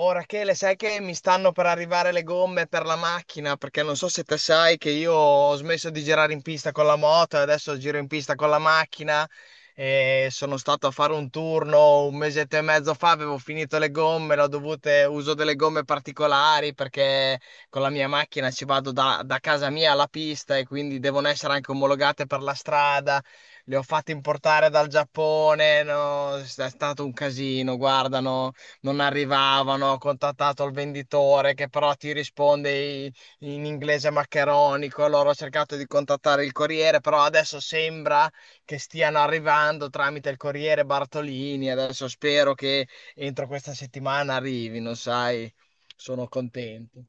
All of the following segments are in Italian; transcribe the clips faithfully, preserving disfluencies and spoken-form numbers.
Oh Rachele, sai che mi stanno per arrivare le gomme per la macchina, perché non so se te sai che io ho smesso di girare in pista con la moto, e adesso giro in pista con la macchina e sono stato a fare un turno un mesetto e mezzo fa. Avevo finito le gomme, l'ho dovute, uso delle gomme particolari perché con la mia macchina ci vado da, da casa mia alla pista e quindi devono essere anche omologate per la strada. Le ho fatte importare dal Giappone, no, è stato un casino, guardano non arrivavano. Ho contattato il venditore che però ti risponde i- in inglese maccheronico. Allora ho cercato di contattare il corriere, però adesso sembra che stiano arrivando tramite il corriere Bartolini, adesso spero che entro questa settimana arrivino, sai, sono contento.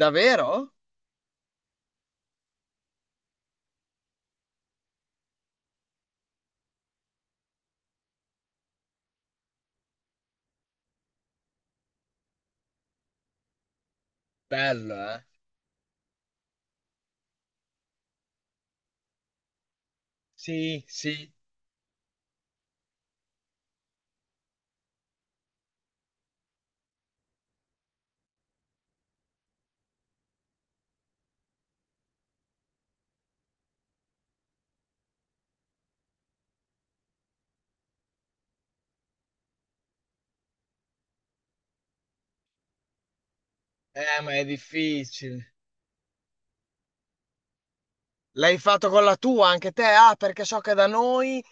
Davvero? Bello, eh? Sì, sì. Eh, ma è difficile. L'hai fatto con la tua anche te? Ah, perché so che da noi...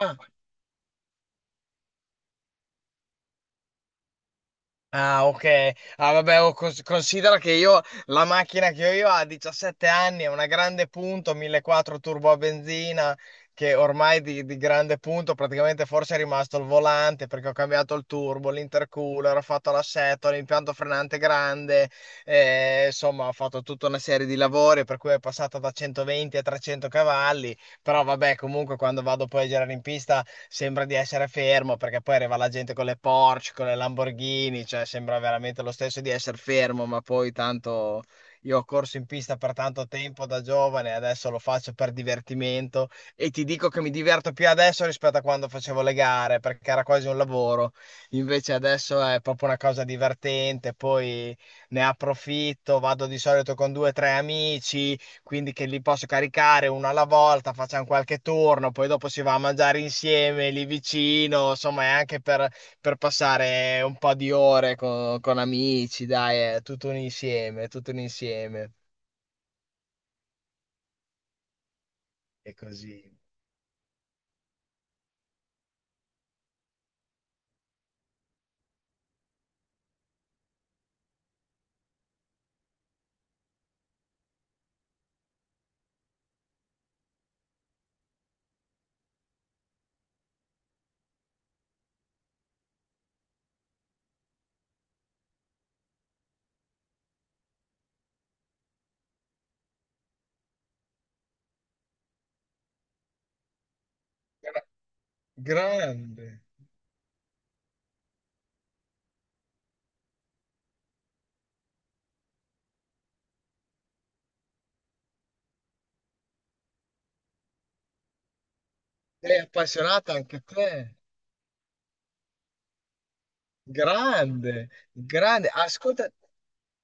Ah, ah, ok. Ah, vabbè, oh, cons- considera che io la macchina che ho io ha diciassette anni, è una grande punto, millequattrocento turbo a benzina, che ormai di, di grande punto praticamente forse è rimasto il volante perché ho cambiato il turbo, l'intercooler, ho fatto l'assetto, l'impianto frenante grande, eh, insomma, ho fatto tutta una serie di lavori per cui è passata da centoventi a trecento cavalli. Però vabbè, comunque quando vado poi a girare in pista sembra di essere fermo perché poi arriva la gente con le Porsche, con le Lamborghini, cioè sembra veramente lo stesso di essere fermo, ma poi tanto io ho corso in pista per tanto tempo da giovane. Adesso lo faccio per divertimento e ti dico che mi diverto più adesso rispetto a quando facevo le gare perché era quasi un lavoro. Invece adesso è proprio una cosa divertente. Poi ne approfitto, vado di solito con due o tre amici quindi che li posso caricare uno alla volta, facciamo qualche turno, poi dopo si va a mangiare insieme lì vicino. Insomma è anche per, per passare un po' di ore con, con amici, dai, è tutto un insieme, tutto un insieme. E così. Gra- Grande. Sei appassionata anche te? Grande, grande. Ascolta,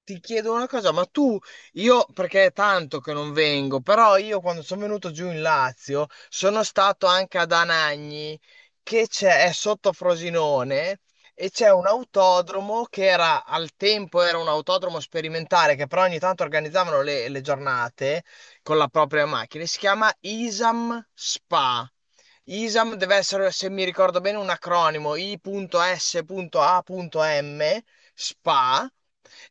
ti chiedo una cosa, ma tu, io perché è tanto che non vengo, però io quando sono venuto giù in Lazio sono stato anche ad Anagni, che c'è, è sotto Frosinone. E c'è un autodromo che era al tempo era un autodromo sperimentale che però ogni tanto organizzavano le, le giornate con la propria macchina. Si chiama Isam Spa. ISAM deve essere, se mi ricordo bene, un acronimo I S A M, spa.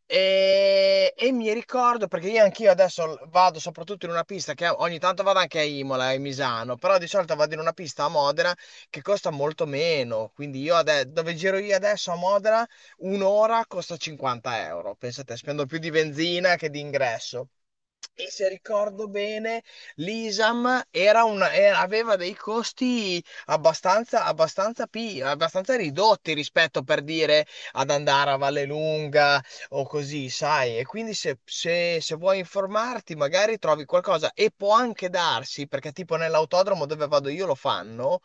E, e mi ricordo perché io anch'io adesso l- vado soprattutto in una pista che ogni tanto vado anche a Imola e a Misano, però di solito vado in una pista a Modena che costa molto meno. Quindi io ade- dove giro io adesso a Modena, un'ora costa cinquanta euro. Pensate, spendo più di benzina che di ingresso. E se ricordo bene, l'ISAM era una- era- aveva dei costi abbastanza, abbastanza, pi- abbastanza ridotti rispetto per dire ad andare a Vallelunga o così, sai? E quindi se, se- se vuoi informarti, magari trovi qualcosa e può anche darsi, perché tipo nell'autodromo dove vado io lo fanno,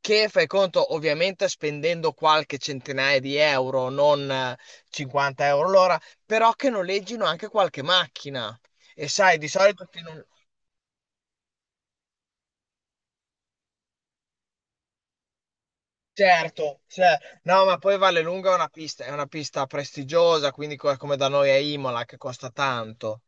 che fai conto ovviamente spendendo qualche centinaia di euro, non eh, cinquanta euro l'ora, però che noleggino anche qualche macchina. E sai, di solito chi non, certo, cioè, no, ma poi Vallelunga è una pista, è una pista prestigiosa, quindi co- come da noi a Imola, che costa tanto,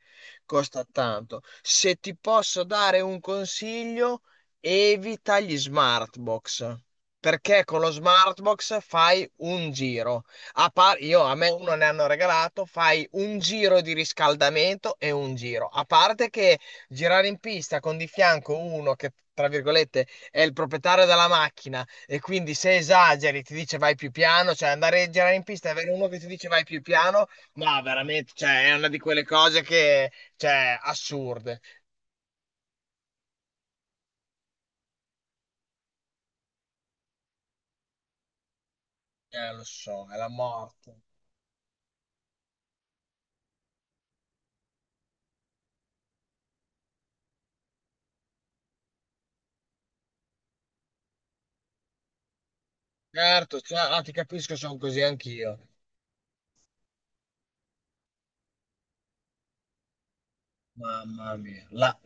costa tanto. Se ti posso dare un consiglio, evita gli smart box, perché con lo smart box fai un giro. A par- io, a me uno ne hanno regalato, fai un giro di riscaldamento e un giro. A parte che girare in pista con di fianco uno che, tra virgolette, è il proprietario della macchina e quindi se esageri ti dice vai più piano, cioè andare a girare in pista e avere uno che ti dice vai più piano, ma veramente, cioè, è una di quelle cose che, cioè, assurde. Eh, lo so, è la morte. Certo, cioè, ah, ti capisco, sono così anch'io. Mamma mia. La-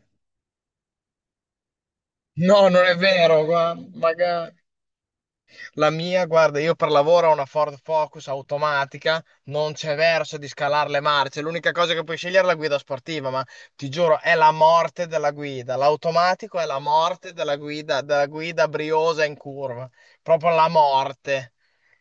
No, non è vero, guarda, magari. La mia, guarda, io per lavoro ho una Ford Focus automatica, non c'è verso di scalare le marce. L'unica cosa che puoi scegliere è la guida sportiva, ma ti giuro, è la morte della guida. L'automatico è la morte della guida, della guida briosa in curva. Proprio la morte.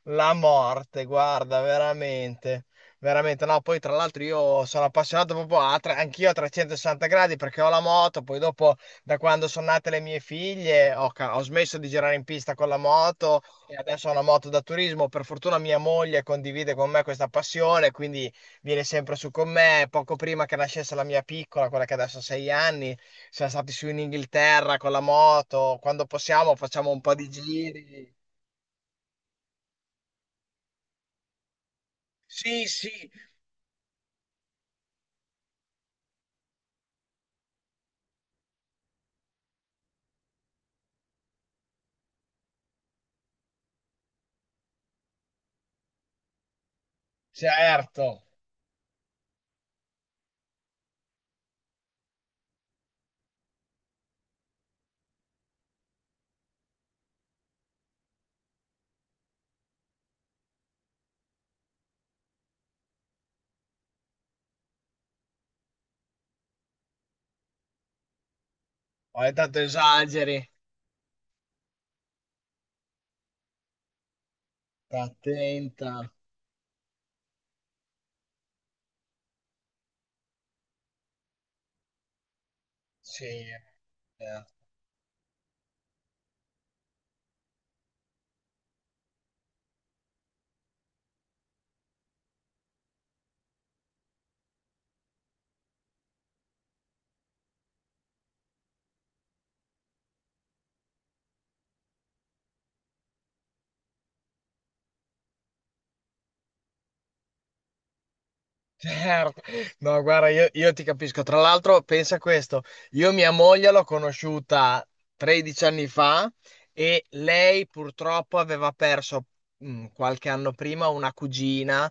La morte, guarda, veramente. Veramente, no, poi tra l'altro io sono appassionato proprio a, tre- anch'io a trecentosessanta gradi perché ho la moto, poi dopo da quando sono nate le mie figlie ho, ca- ho smesso di girare in pista con la moto e adesso ho una moto da turismo, per fortuna mia moglie condivide con me questa passione, quindi viene sempre su con me. Poco prima che nascesse la mia piccola, quella che adesso ha sei anni, siamo stati su in Inghilterra con la moto. Quando possiamo facciamo un po' di giri. Sì, sì, certo. Ogni tanto esageri. Sta attenta. Sì, eh, certo. No, guarda, io, io ti capisco. Tra l'altro, pensa a questo, io mia moglie l'ho conosciuta tredici anni fa e lei purtroppo aveva perso mh, qualche anno prima una cugina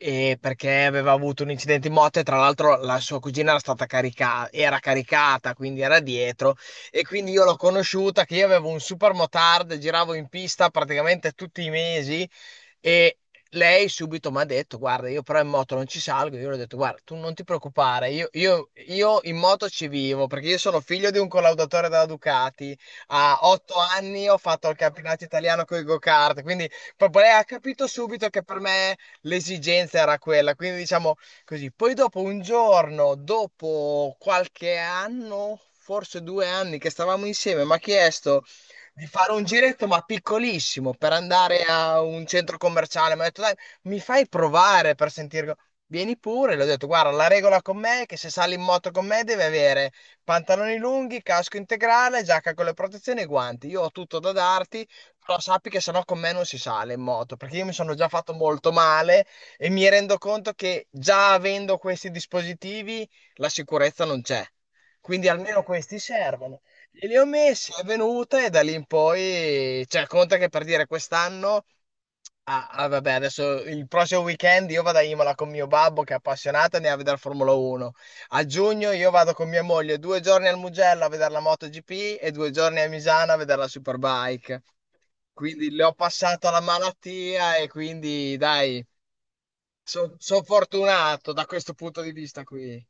e perché aveva avuto un incidente in moto e tra l'altro la sua cugina era stata caricata, era caricata, quindi era dietro e quindi io l'ho conosciuta che io avevo un super motard, giravo in pista praticamente tutti i mesi e lei subito mi ha detto guarda io però in moto non ci salgo, io le ho detto guarda tu non ti preoccupare, io, io- io in moto ci vivo perché io sono figlio di un collaudatore della Ducati, a otto anni ho fatto il campionato italiano con i go-kart, quindi proprio lei ha capito subito che per me l'esigenza era quella, quindi diciamo così. Poi dopo un giorno, dopo qualche anno, forse due anni che stavamo insieme, mi ha chiesto di fare un giretto, ma piccolissimo, per andare a un centro commerciale. Mi ha detto, dai, mi fai provare per sentire... Vieni pure, le ho detto, guarda, la regola con me è che se sali in moto con me deve avere pantaloni lunghi, casco integrale, giacca con le protezioni e guanti. Io ho tutto da darti, però sappi che sennò con me non si sale in moto, perché io mi sono già fatto molto male e mi rendo conto che già avendo questi dispositivi la sicurezza non c'è. Quindi almeno questi servono. E li ho messi, è venuta e da lì in poi, cioè, conta che per dire quest'anno. Ah, ah, vabbè, adesso il prossimo weekend io vado a Imola con mio babbo che è appassionato e ne va a vedere Formula uno. A giugno io vado con mia moglie due giorni al Mugello a vedere la MotoGP e due giorni a Misano a vedere la Superbike. Quindi le ho passato la malattia e quindi dai, sono fortunato da questo punto di vista qui.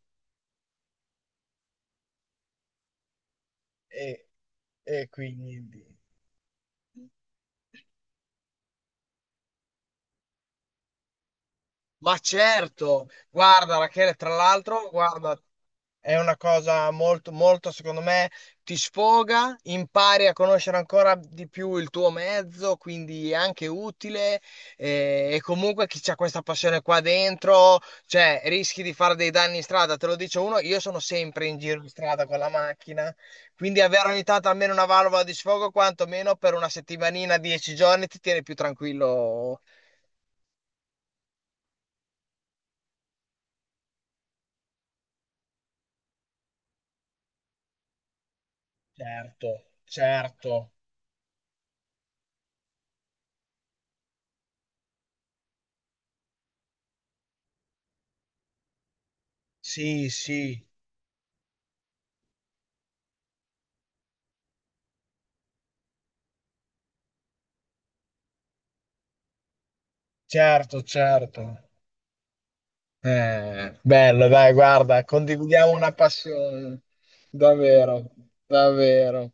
E, e quindi... Ma certo, guarda Rachele, tra l'altro, guarda, è una cosa molto, molto, secondo me, ti sfoga, impari a conoscere ancora di più il tuo mezzo, quindi è anche utile. eh, E, comunque chi c'ha questa passione qua dentro, cioè, rischi di fare dei danni in strada. Te lo dice uno, io sono sempre in giro in strada con la macchina, quindi avere ogni tanto almeno una valvola di sfogo, quantomeno per una settimanina, dieci giorni, ti tiene più tranquillo. Certo, certo. Sì, sì, certo, certo. Eh, bello, dai, guarda, condividiamo una passione, davvero, davvero.